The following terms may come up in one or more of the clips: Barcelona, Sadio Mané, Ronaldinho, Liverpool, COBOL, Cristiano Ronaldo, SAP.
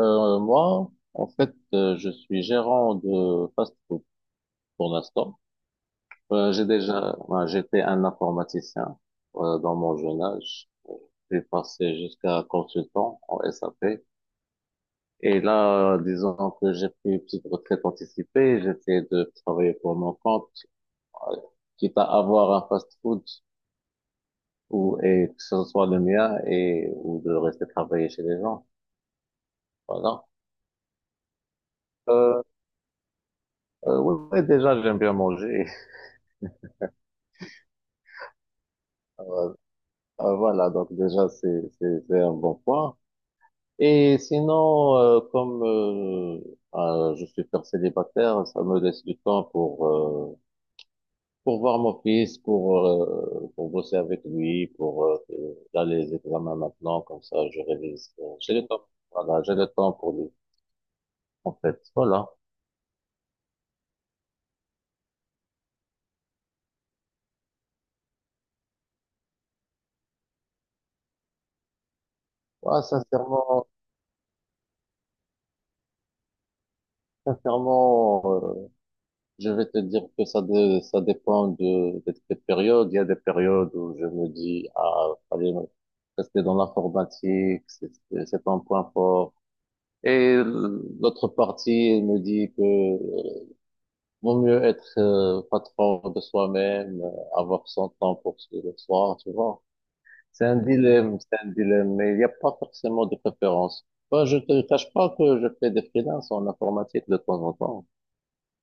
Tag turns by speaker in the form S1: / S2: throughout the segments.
S1: Moi, en fait, je suis gérant de fast-food pour l'instant. J'ai déjà, ouais, j'étais un informaticien dans mon jeune âge. J'ai passé jusqu'à consultant en SAP. Et là, disons que j'ai pris une petite retraite anticipée, j'essaie de travailler pour mon compte, euh, quitte à avoir un fast-food ou et que ce soit le mien et ou de rester travailler chez les gens. Voilà. Euh, oui, oui, déjà, j'aime bien manger. Voilà, donc déjà, c'est un bon point. Et sinon, comme je suis père célibataire, ça me laisse du temps pour voir mon fils, pour bosser avec lui, pour là, les examens maintenant, comme ça, je révise. J'ai le temps. Voilà, j'ai le temps pour lui, en fait. Voilà. Ouais, sincèrement, sincèrement, je vais te dire que ça, ça dépend de, des périodes. Il y a des périodes où je me dis, ah, fallait rester dans l'informatique, c'est un point fort. Et l'autre partie elle me dit que vaut mieux être patron de soi-même, avoir son temps pour se le soir, tu vois. C'est un dilemme, mais il n'y a pas forcément de préférence. Moi, je te cache pas que je fais des freelances en informatique de temps en temps.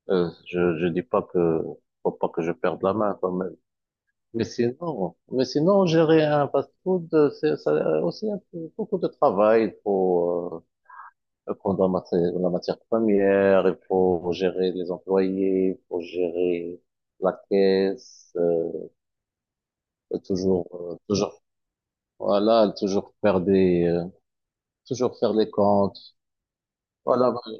S1: Je dis pas que faut pas que je perde la main quand même. Mais sinon gérer un fast-food, c'est ça a aussi beaucoup de travail. Il faut prendre la matière première, il faut gérer les employés, il faut gérer la caisse, et toujours, toujours, voilà, toujours faire les comptes. Voilà, voilà.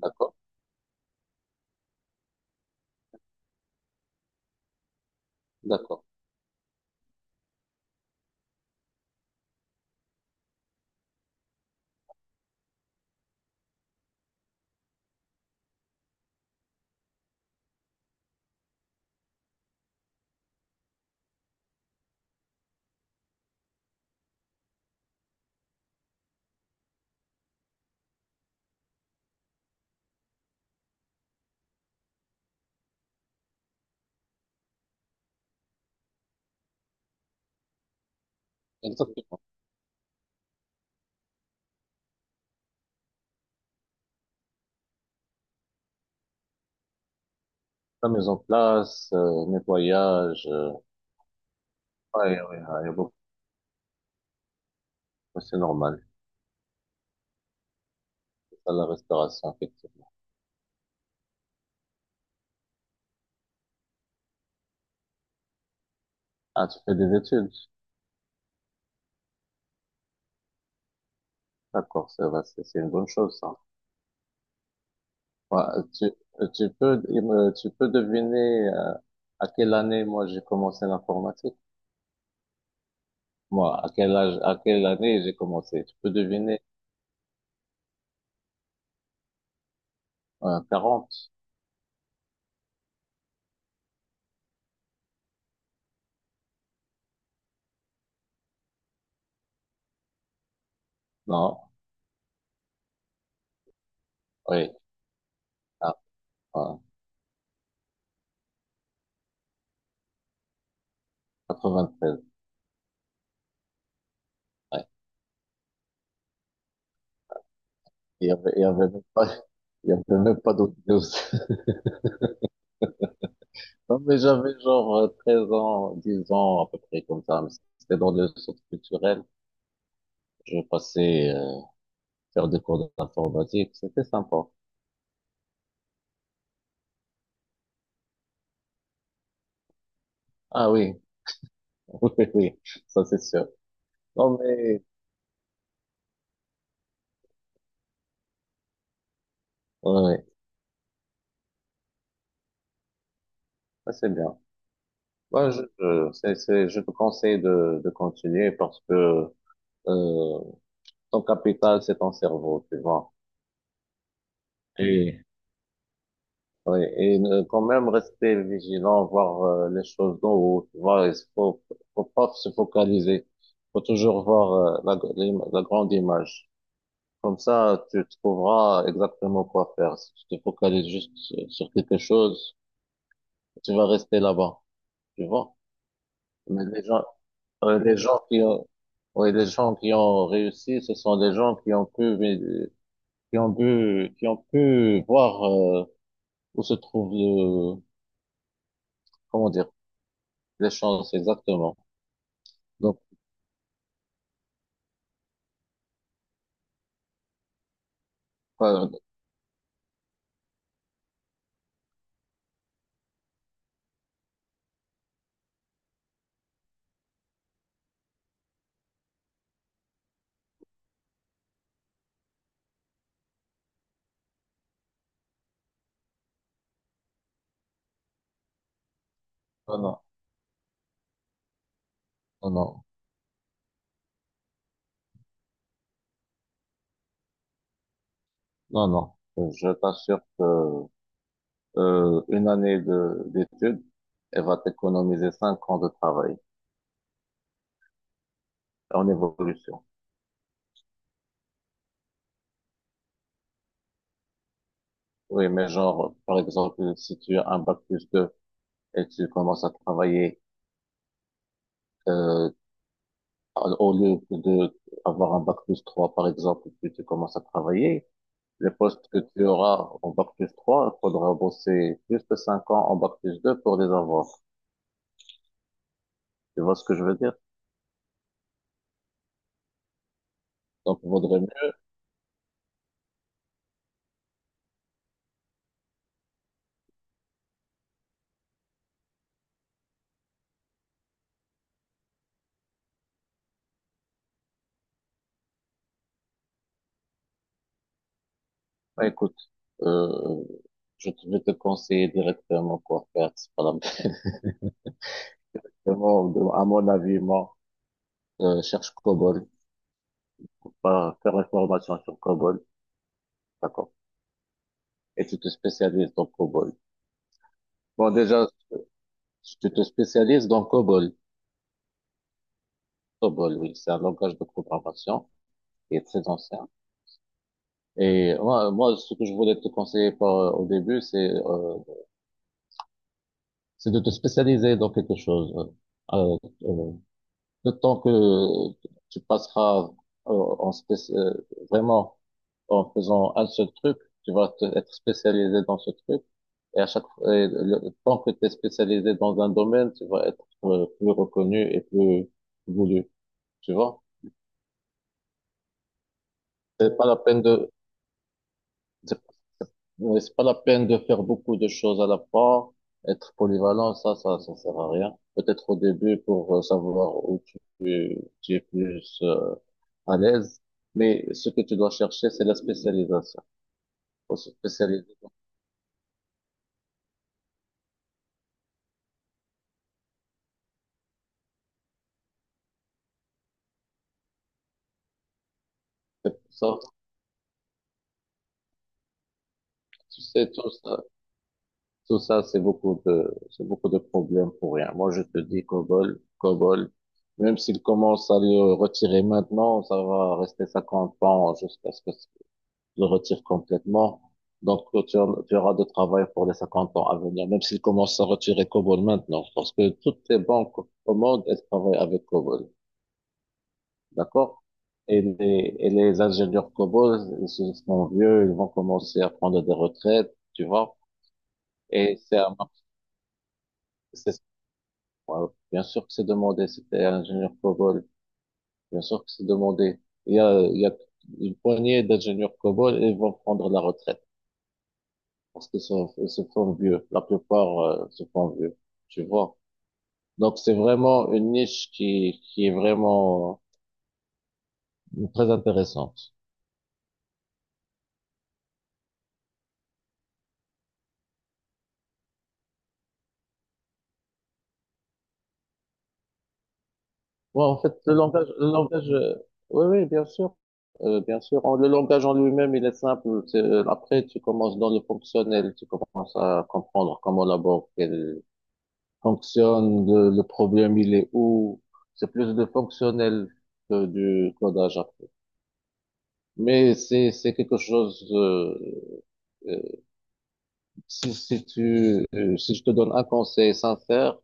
S1: D'accord, d'accord, exactement. La mise en place, nettoyage. Ouais, ouais, ouais, il y a beaucoup. Ouais, c'est normal. C'est ça la restauration, effectivement. Ah, tu fais des études. D'accord, ça va, c'est une bonne chose, ça. Ouais, euh, tu peux, tu peux deviner à quelle année moi j'ai commencé l'informatique? Moi, à quel âge, à quelle année j'ai commencé? Tu peux deviner 40? Non? Oui. Ah, ah, treize. Ouais. Il y avait même pas, il y avait même pas d'autres news. Non, mais j'avais genre 13 ans, 10 ans, à peu près comme ça. Mais c'était dans le centre culturel. Je passais faire des cours d'informatique, c'était sympa. Ah oui, oui, oui, ça c'est sûr. Non mais, oui, ça c'est bien. Moi, je te conseille de, continuer parce que euh, ton capital, c'est ton cerveau, tu vois. Et, oui, et quand même rester vigilant, voir les choses d'en haut, tu vois. Faut pas se focaliser. Faut toujours voir la grande image. Comme ça, tu trouveras exactement quoi faire. Si tu te focalises juste sur quelque chose, tu vas rester là-bas, tu vois. Mais les gens qui ont, ouais, les gens qui ont réussi, ce sont des gens qui ont pu voir où se trouve le, comment dire, les chances exactement. Donc, euh, non, non, non, non, non, non. Je t'assure que une année de d'études, elle va t'économiser 5 ans de travail. En évolution. Oui, mais genre, par exemple, si tu as un bac plus 2 et tu commences à travailler, euh, au lieu de avoir un bac plus 3, par exemple, puis tu commences à travailler, les postes que tu auras en bac plus 3, il faudra bosser plus de 5 ans en bac plus 2 pour les avoir. Tu vois ce que je veux dire? Donc, il vaudrait mieux. Bah, écoute, euh, vais te conseiller directement quoi faire. C'est pas la- Vraiment, à mon avis, moi, cherche COBOL, pas faire une formation sur COBOL. D'accord. Et tu te spécialises dans COBOL. Bon, déjà, tu te spécialises dans COBOL. COBOL, oui, c'est un langage de programmation qui est très ancien. Et moi, ce que je voulais te conseiller au début, c'est de te spécialiser dans quelque chose. Euh, euh, Le temps que tu passeras euh, en spéc- euh, vraiment en faisant un seul truc, être spécialisé dans ce truc. Et à chaque fois, et le temps que tu es spécialisé dans un domaine, tu vas être plus reconnu et plus voulu. Tu vois? C'est pas la peine de, c'est c'est pas la peine de faire beaucoup de choses à la fois. Être polyvalent, ça sert à rien. Peut-être au début pour savoir où tu es plus à l'aise, mais ce que tu dois chercher, c'est la spécialisation. Faut se spécialiser dans quelque sorte. Tu sais, tout ça, c'est beaucoup de problèmes pour rien. Moi, je te dis COBOL, COBOL, même s'il commence à le retirer maintenant, ça va rester 50 ans jusqu'à ce que tu le retire complètement. Donc, tu auras de travail pour les 50 ans à venir, même s'il commence à retirer COBOL maintenant, parce que toutes les banques au monde, elles travaillent avec COBOL. D'accord? Et les ingénieurs cobots, ils se sont vieux, ils vont commencer à prendre des retraites, tu vois. Et c'est un mar- c'est, ouais, bien sûr que c'est demandé, c'était ingénieur cobol, bien sûr que c'est demandé. Il y a une poignée d'ingénieurs cobol, et ils vont prendre la retraite parce ils se font vieux. La plupart, se font vieux, tu vois. Donc c'est vraiment une niche qui est vraiment très intéressante. Ouais, en fait, le langage, oui, oui, bien sûr, bien sûr. Le langage en lui-même, il est simple. Après, tu commences dans le fonctionnel, tu commences à comprendre comment la banque elle fonctionne, le problème il est où. C'est plus de fonctionnel que du codage après. Mais c'est quelque chose. Euh, Si je te donne un conseil sincère,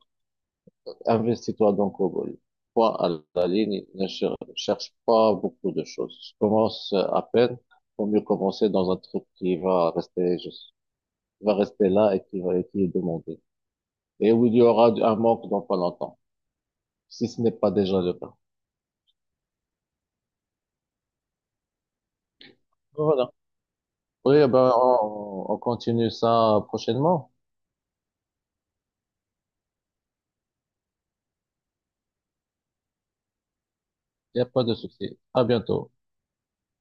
S1: investis-toi donc au bol. Toi, à la ligne, ne cher- cherche pas beaucoup de choses. Commence à peine. Vaut mieux commencer dans un truc qui va rester, va rester là et et qui est demandé. Et où il y aura un manque dans pas longtemps. Si ce n'est pas déjà le cas. Voilà. Oui, eh ben, on continue ça prochainement. Il n'y a pas de souci. À bientôt.